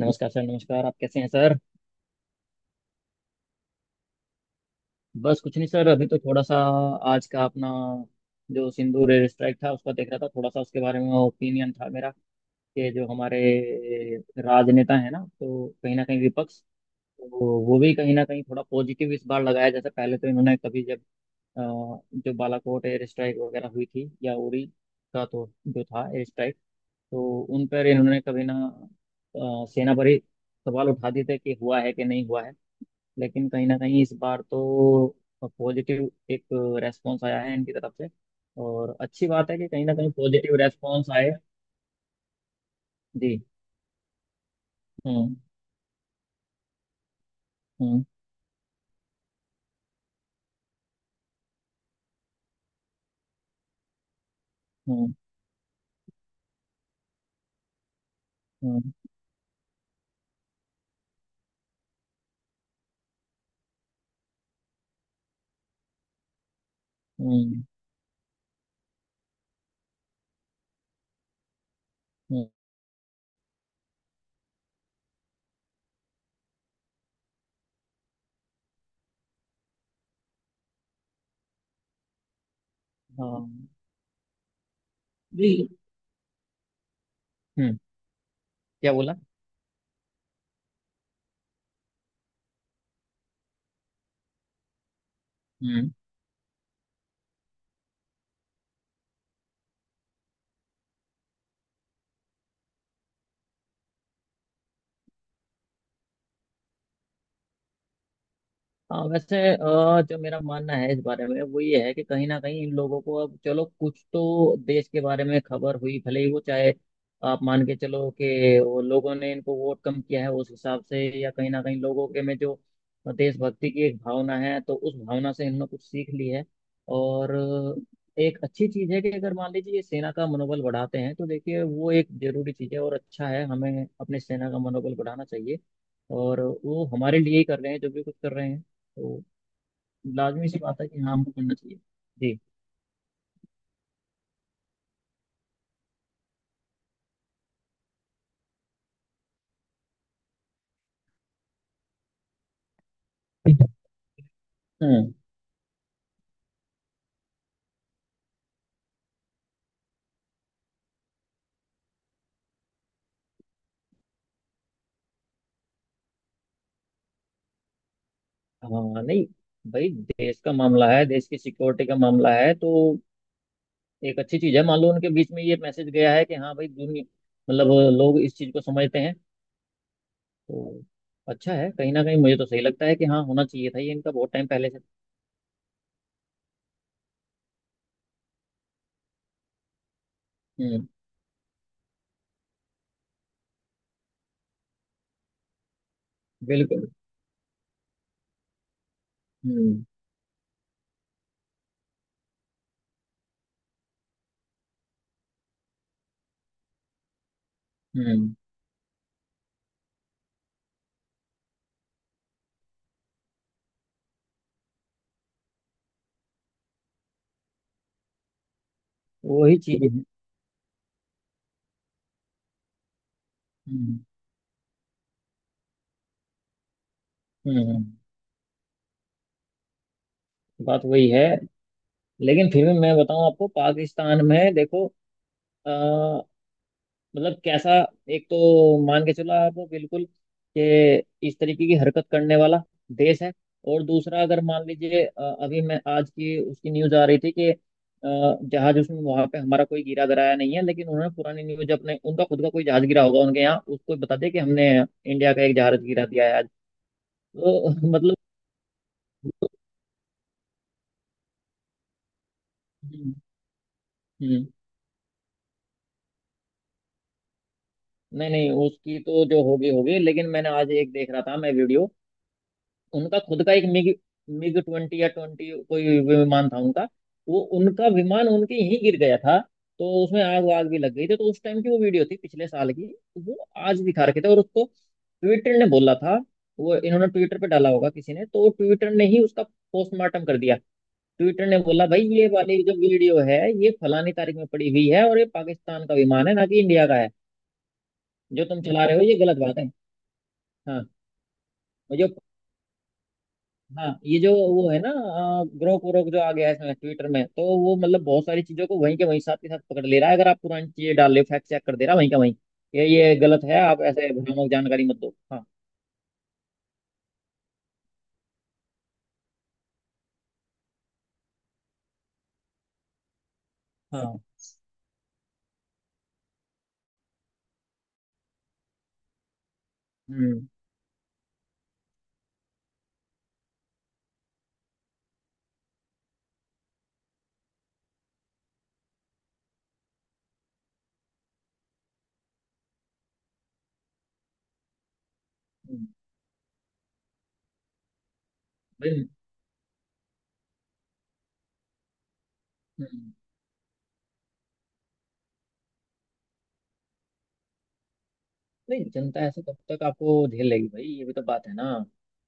नमस्कार सर। नमस्कार, आप कैसे हैं सर? बस कुछ नहीं सर, अभी तो थोड़ा सा आज का अपना जो सिंधु रेल स्ट्राइक था उसका देख रहा था। थोड़ा सा उसके बारे में ओपिनियन था मेरा कि जो हमारे राजनेता है ना, तो कहीं ना कहीं विपक्ष तो वो भी कहीं ना कहीं थोड़ा पॉजिटिव इस बार लगाया। जैसे पहले तो इन्होंने कभी जब जो बालाकोट एयर स्ट्राइक वगैरह हुई थी या उरी का, तो जो था एयर स्ट्राइक, तो उन पर इन्होंने कभी ना सेना पर ही सवाल उठा दिए थे कि हुआ है कि नहीं हुआ है। लेकिन कहीं ना कहीं इस बार तो पॉजिटिव एक रेस्पॉन्स आया है इनकी तरफ से। और अच्छी बात है कि कहीं ना कहीं पॉजिटिव रेस्पॉन्स आए। जी। हम्म। हम्म। हम्म। हम्म। हम्म। हम्म, हाँ जी। हम्म। क्या बोला? हम्म। हाँ वैसे जो मेरा मानना है इस बारे में वो ये है कि कहीं ना कहीं इन लोगों को अब चलो कुछ तो देश के बारे में खबर हुई, भले ही वो चाहे आप मान के चलो कि वो लोगों ने इनको वोट कम किया है उस हिसाब से, या कहीं ना कहीं लोगों के में जो देशभक्ति की एक भावना है, तो उस भावना से इन्होंने कुछ सीख ली है। और एक अच्छी चीज है कि अगर मान लीजिए ये सेना का मनोबल बढ़ाते हैं, तो देखिए वो एक जरूरी चीज है, और अच्छा है, हमें अपने सेना का मनोबल बढ़ाना चाहिए। और वो हमारे लिए ही कर रहे हैं, जो भी कुछ कर रहे हैं। तो लाजमी सी बात है कि हाँ हमको करना चाहिए। जी। हम्म। हाँ नहीं, भाई देश का मामला है, देश की सिक्योरिटी का मामला है, तो एक अच्छी चीज है। मान लो उनके बीच में ये मैसेज गया है कि हाँ भाई दुनिया, मतलब लोग इस चीज को समझते हैं, तो अच्छा है। कहीं ना कहीं मुझे तो सही लगता है कि हाँ, होना चाहिए था ये इनका बहुत टाइम पहले से। हम्म। बिल्कुल। हम्म। हम्म। वही चीज है। हम्म। हम्म। बात वही है। लेकिन फिर भी मैं बताऊं आपको, पाकिस्तान में देखो, मतलब कैसा, एक तो मान के चलो आप बिल्कुल कि इस तरीके की हरकत करने वाला देश है। और दूसरा, अगर मान लीजिए अभी मैं आज की उसकी न्यूज आ रही थी कि जहाज उसमें वहां पे हमारा कोई गिरा गिराया नहीं है, लेकिन उन्होंने पुरानी न्यूज, अपने उनका खुद का कोई जहाज गिरा होगा उनके यहाँ, उसको बता दिया कि हमने इंडिया का एक जहाज गिरा दिया है आज। तो मतलब। हम्म। हम्म। नहीं नहीं, उसकी तो जो होगी होगी, लेकिन मैंने आज एक देख रहा था मैं वीडियो। उनका खुद का एक मिग मिग 20 या 20 कोई विमान था उनका। वो उनका विमान उनके यहीं गिर गया था। तो उसमें आग वाग भी लग गई थी। तो उस टाइम की वो वीडियो थी पिछले साल की। तो वो आज दिखा रखे थे, और उसको ट्विटर ने बोला था। वो इन्होंने ट्विटर पे डाला होगा किसी ने, तो ट्विटर ने ही उसका पोस्टमार्टम कर दिया। ट्विटर ने बोला भाई ये वाली जो वीडियो है ये फलानी तारीख में पड़ी हुई है, और ये पाकिस्तान का विमान है, ना कि इंडिया का है। जो तुम चला रहे हो ये गलत बात है। हाँ। जो हाँ, ये जो वो है ना, ग्रोक व्रोक जो आ गया है इसमें ट्विटर में, तो वो मतलब बहुत सारी चीजों को वहीं के वहीं साथ के साथ पकड़ ले रहा है। अगर आप पुरानी चीजें डाल ले फैक्ट चेक कर दे रहा है वहीं का वहीं। ये गलत है, आप ऐसे भ्रामक जानकारी मत दो। हाँ। हाँ। हम्म। हम्म, भाई। हम्म। नहीं जनता ऐसे कब तक आपको झेल लेगी भाई, ये भी तो बात है ना।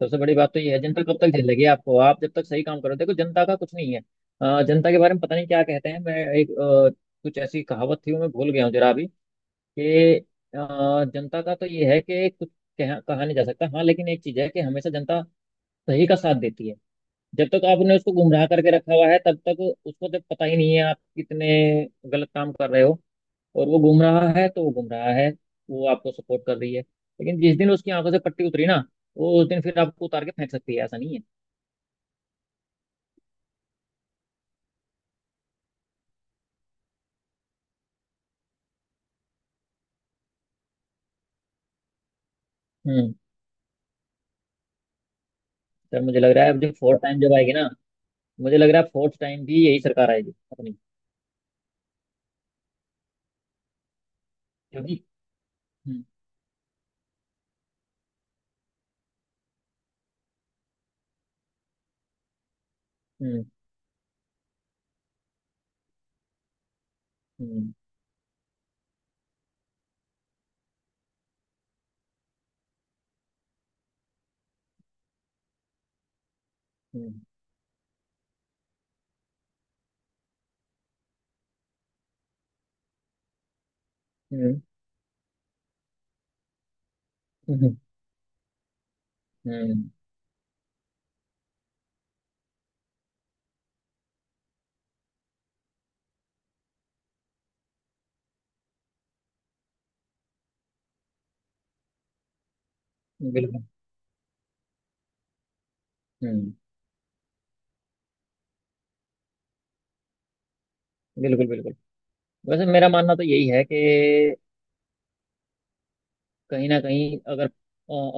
सबसे बड़ी बात तो ये है, जनता कब तक झेल लेगी आपको? आप जब तक सही काम करो, देखो जनता का कुछ नहीं है। जनता के बारे में पता नहीं क्या कहते हैं। मैं एक कुछ ऐसी कहावत थी वो मैं भूल गया हूँ जरा अभी कि अ, जनता का तो ये है कि कुछ कहा नहीं जा सकता। हाँ लेकिन एक चीज है कि हमेशा जनता सही का साथ देती है। जब तक आपने उसको गुमराह करके रखा हुआ है तब तक, उसको जब पता ही नहीं है आप कितने गलत काम कर रहे हो, और वो गुमराह है तो वो गुमराह है, वो आपको सपोर्ट कर रही है। लेकिन जिस दिन उसकी आंखों से पट्टी उतरी ना, वो उस दिन फिर आपको उतार के फेंक सकती है, ऐसा नहीं है। हम्म। सर मुझे लग रहा है अब जो फोर्थ टाइम जब आएगी ना, मुझे लग रहा है फोर्थ टाइम भी यही सरकार आएगी अपनी। क्योंकि हम्म। हम्म। हम्म। हम्म। हम्म। हम्म। हम्म। बिल्कुल। हम्म। बिल्कुल बिल्कुल। वैसे मेरा मानना तो यही है कि कहीं ना कहीं अगर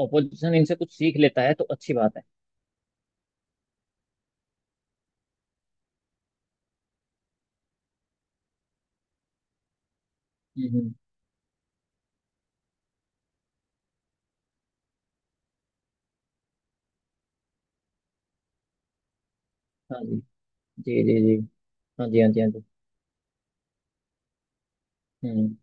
ऑपोजिशन इनसे कुछ सीख लेता है, तो अच्छी बात है। हम्म। हाँ जी। जी जी जी। हाँ जी हाँ जी हाँ जी। हम्म।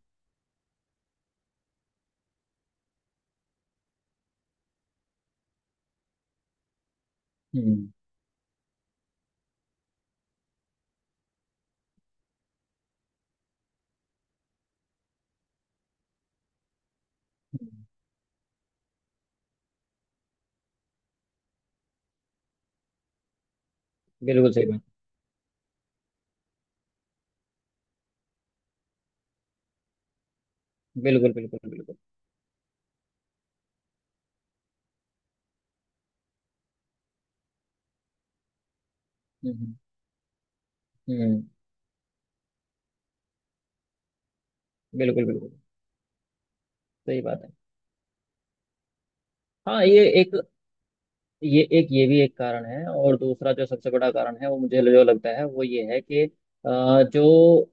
हम्म। हम्म, बिल्कुल सही बात। बिल्कुल बिल्कुल बिल्कुल। हम्म। हम्म। बिल्कुल बिल्कुल। सही बात है। हाँ ये भी एक कारण है। और दूसरा जो सबसे बड़ा कारण है वो मुझे जो लगता है वो ये है कि, जो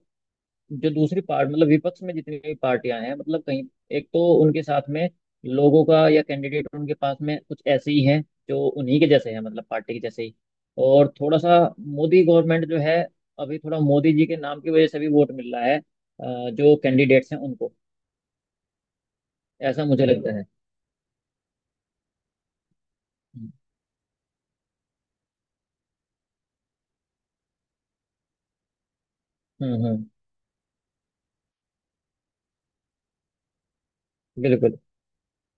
जो दूसरी पार्ट, मतलब विपक्ष में जितनी भी पार्टियां हैं, मतलब कहीं एक तो उनके साथ में लोगों का या कैंडिडेट उनके पास में कुछ ऐसे ही हैं जो उन्हीं के जैसे हैं, मतलब पार्टी के जैसे ही। और थोड़ा सा मोदी गवर्नमेंट जो है, अभी थोड़ा मोदी जी के नाम की वजह से भी वोट मिल रहा है जो कैंडिडेट्स हैं उनको। ऐसा मुझे लगता है। हम्म। हम्म। बिल्कुल।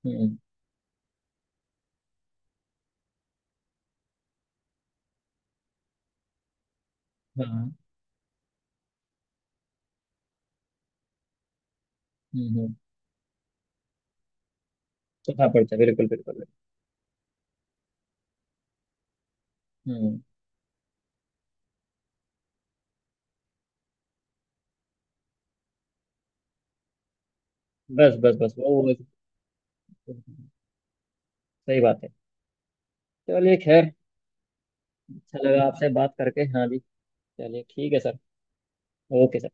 हम्म। हाँ। हम्म। हम्म। चौथा पर्चा। बिल्कुल बिल्कुल। बिल्कुल। हम्म। बस बस बस सही बात है। चलिए खैर, अच्छा लगा आपसे बात करके। हाँ जी। चलिए ठीक है सर। Okay sir.